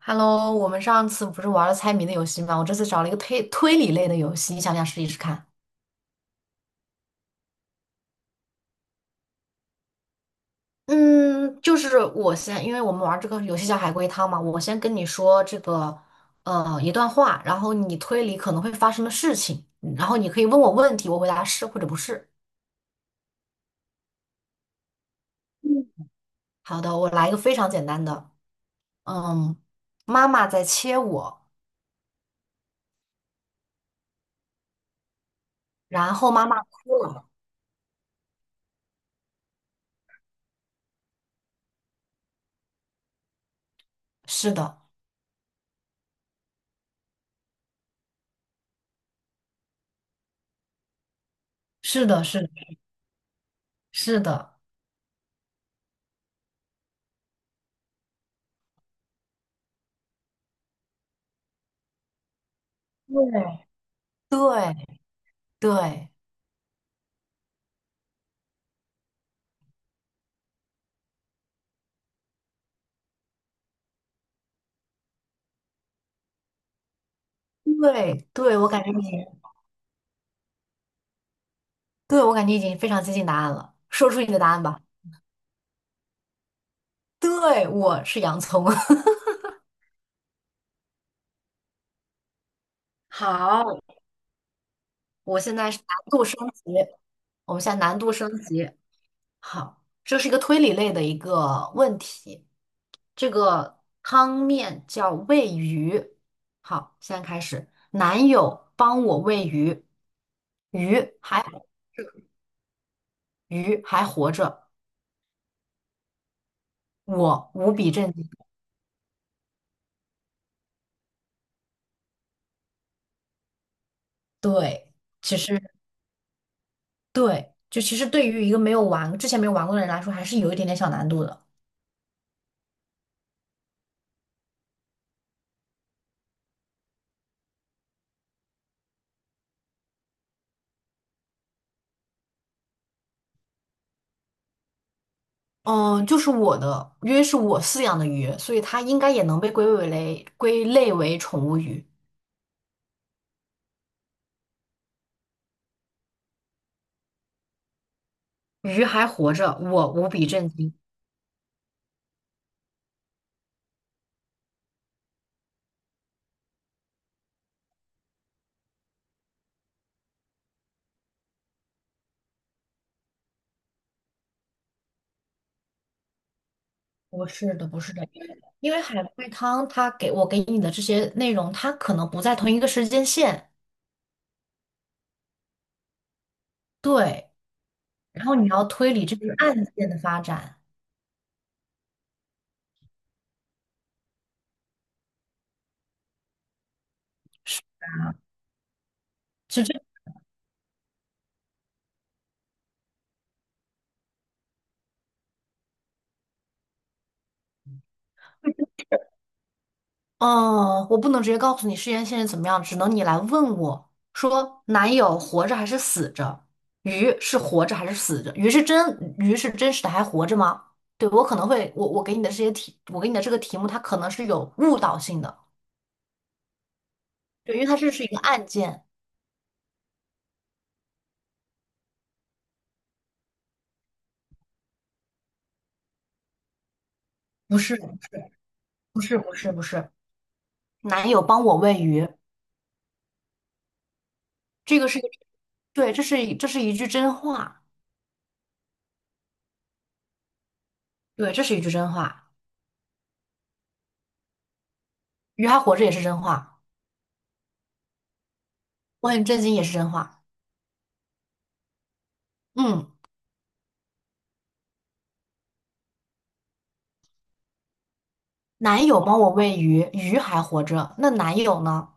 Hello，我们上次不是玩了猜谜的游戏吗？我这次找了一个推理类的游戏，你想不想试一试看？嗯，就是我先，因为我们玩这个游戏叫海龟汤嘛，我先跟你说这个一段话，然后你推理可能会发生的事情，然后你可以问我问题，我回答是或者不是。嗯好的，我来一个非常简单的，嗯，妈妈在切我，然后妈妈哭了。是的，是的，是的，是的，对，对对。对对，我感觉你，对，我感觉已经非常接近答案了。说出你的答案吧。对，我是洋葱。好，我现在是难度升级，我们现在难度升级。好，这是一个推理类的一个问题。这个汤面叫喂鱼。好，现在开始。男友帮我喂鱼，鱼还鱼还活着，我无比震惊。对。其实。对，就其实对于一个没有玩，之前没有玩过的人来说，还是有一点点小难度的。嗯，就是我的约是我饲养的鱼，所以它应该也能被归为类归类为宠物鱼。鱼还活着，我无比震惊。不是的，不是的，因为海龟汤它给你的这些内容，它可能不在同一个时间线，对，然后你要推理这个案件的发展。啊，这。哦，我不能直接告诉你事件现在怎么样，只能你来问我说，男友活着还是死着？鱼是活着还是死着？鱼是真实的还活着吗？对，我可能会，我给你的这些题，我给你的这个题目，它可能是有误导性的，对，因为它这是一个案件，不是不是不是不是，男友帮我喂鱼，这个是一个，对，这是一句真话，对，这是一句真话，鱼还活着也是真话，我很震惊也是真话，嗯。男友帮我喂鱼，鱼还活着，那男友呢？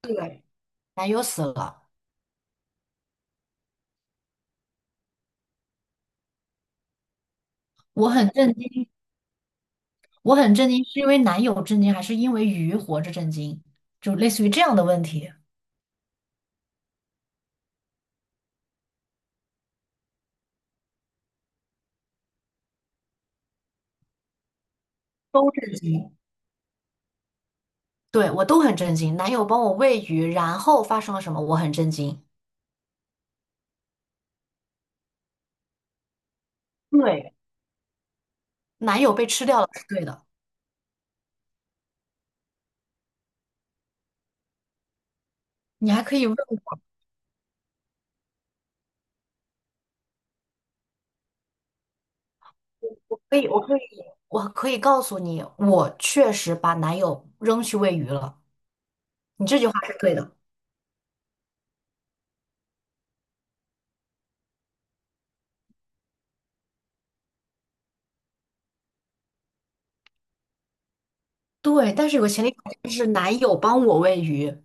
对，男友死了，我很震惊，我很震惊，是因为男友震惊，还是因为鱼活着震惊？就类似于这样的问题，都震惊。对，我都很震惊。男友帮我喂鱼，然后发生了什么？我很震惊。对，男友被吃掉了是对的，你还可以问我，我可以，我可以，我可以告诉你，我确实把男友扔去喂鱼了。你这句话是对的。对，但是有个前提条件是男友帮我喂鱼。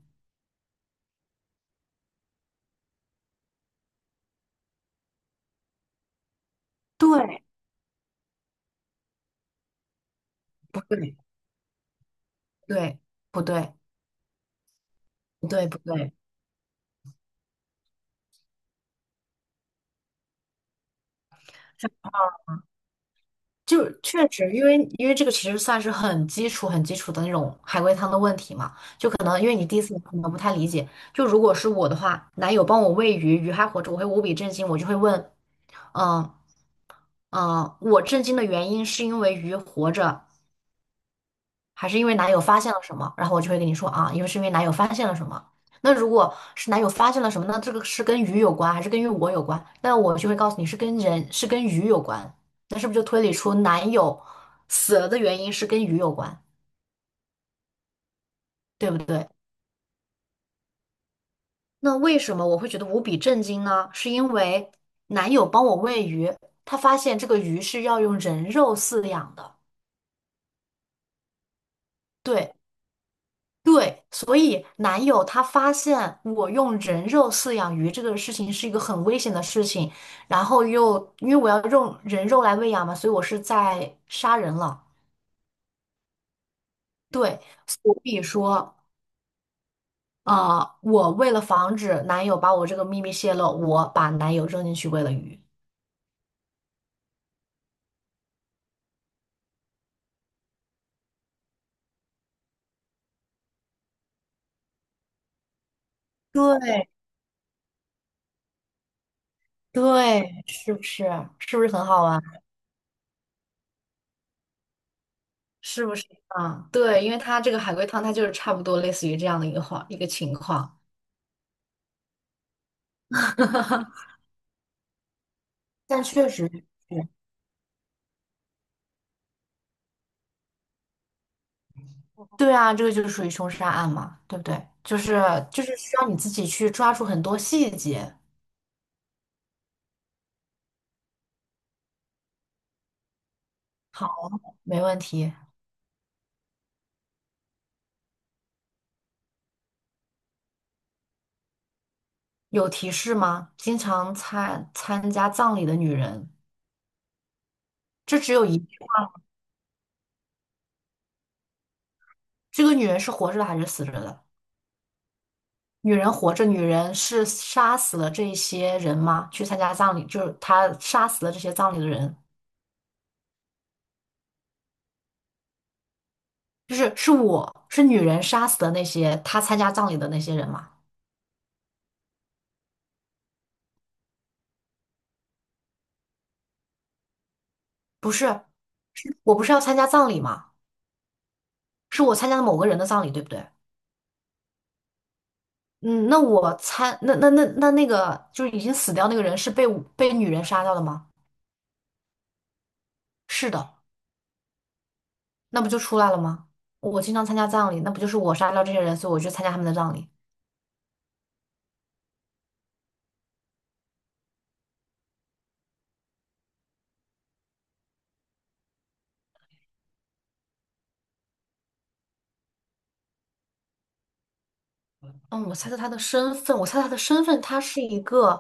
对，不对？对，不对？不对，不对。就确实，因为这个其实算是很基础、很基础的那种海龟汤的问题嘛，就可能因为你第一次你可能不太理解。就如果是我的话，男友帮我喂鱼，鱼还活着，我会无比震惊，我就会问，嗯嗯，我震惊的原因是因为鱼活着，还是因为男友发现了什么？然后我就会跟你说啊，因为男友发现了什么。那如果是男友发现了什么，那这个是跟鱼有关，还是跟于我有关？那我就会告诉你是跟人，是跟鱼有关。那是不是就推理出男友死了的原因是跟鱼有关，对不对？那为什么我会觉得无比震惊呢？是因为男友帮我喂鱼，他发现这个鱼是要用人肉饲养的。对。对，所以男友他发现我用人肉饲养鱼这个事情是一个很危险的事情，然后又因为我要用人肉来喂养嘛，所以我是在杀人了。对，所以说，我为了防止男友把我这个秘密泄露，我把男友扔进去喂了鱼。对对，是不是？是不是很好玩？是不是啊？对，因为它这个海龟汤，它就是差不多类似于这样的一个情况，但确实。是。对啊，这个就是属于凶杀案嘛，对不对？就是需要你自己去抓住很多细节。好，没问题。有提示吗？经常参加葬礼的女人，这只有一，这个女人是活着的还是死着的？女人活着，女人是杀死了这些人吗？去参加葬礼，就是她杀死了这些葬礼的人，就是我是女人杀死的那些她参加葬礼的那些人吗？不是，是我不是要参加葬礼吗？是我参加了某个人的葬礼，对不对？嗯，那我猜，那个就是已经死掉那个人是被女人杀掉的吗？是的，那不就出来了吗？我经常参加葬礼，那不就是我杀掉这些人，所以我去参加他们的葬礼。嗯，我猜测他的身份，他是一个，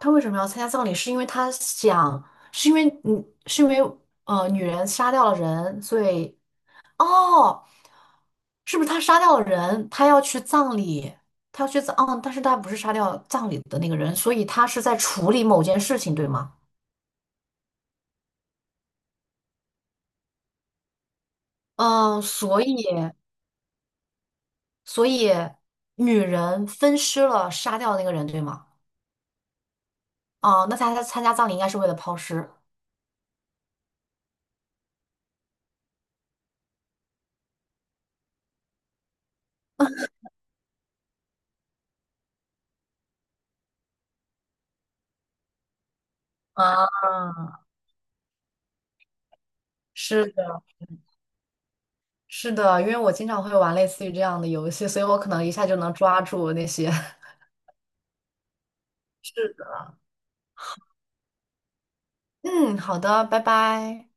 他为什么要参加葬礼？是因为他想，是因为嗯，是因为呃，女人杀掉了人，哦，是不是他杀掉了人？他要去葬礼，他要去葬，嗯，但是他不是杀掉葬礼的那个人，所以他是在处理某件事情，对吗？嗯，所以所以女人分尸了，杀掉那个人，对吗？哦，那他参加葬礼应该是为了抛尸。啊，是的，是的，因为我经常会玩类似于这样的游戏，所以我可能一下就能抓住那些。是的。嗯，好的，拜拜。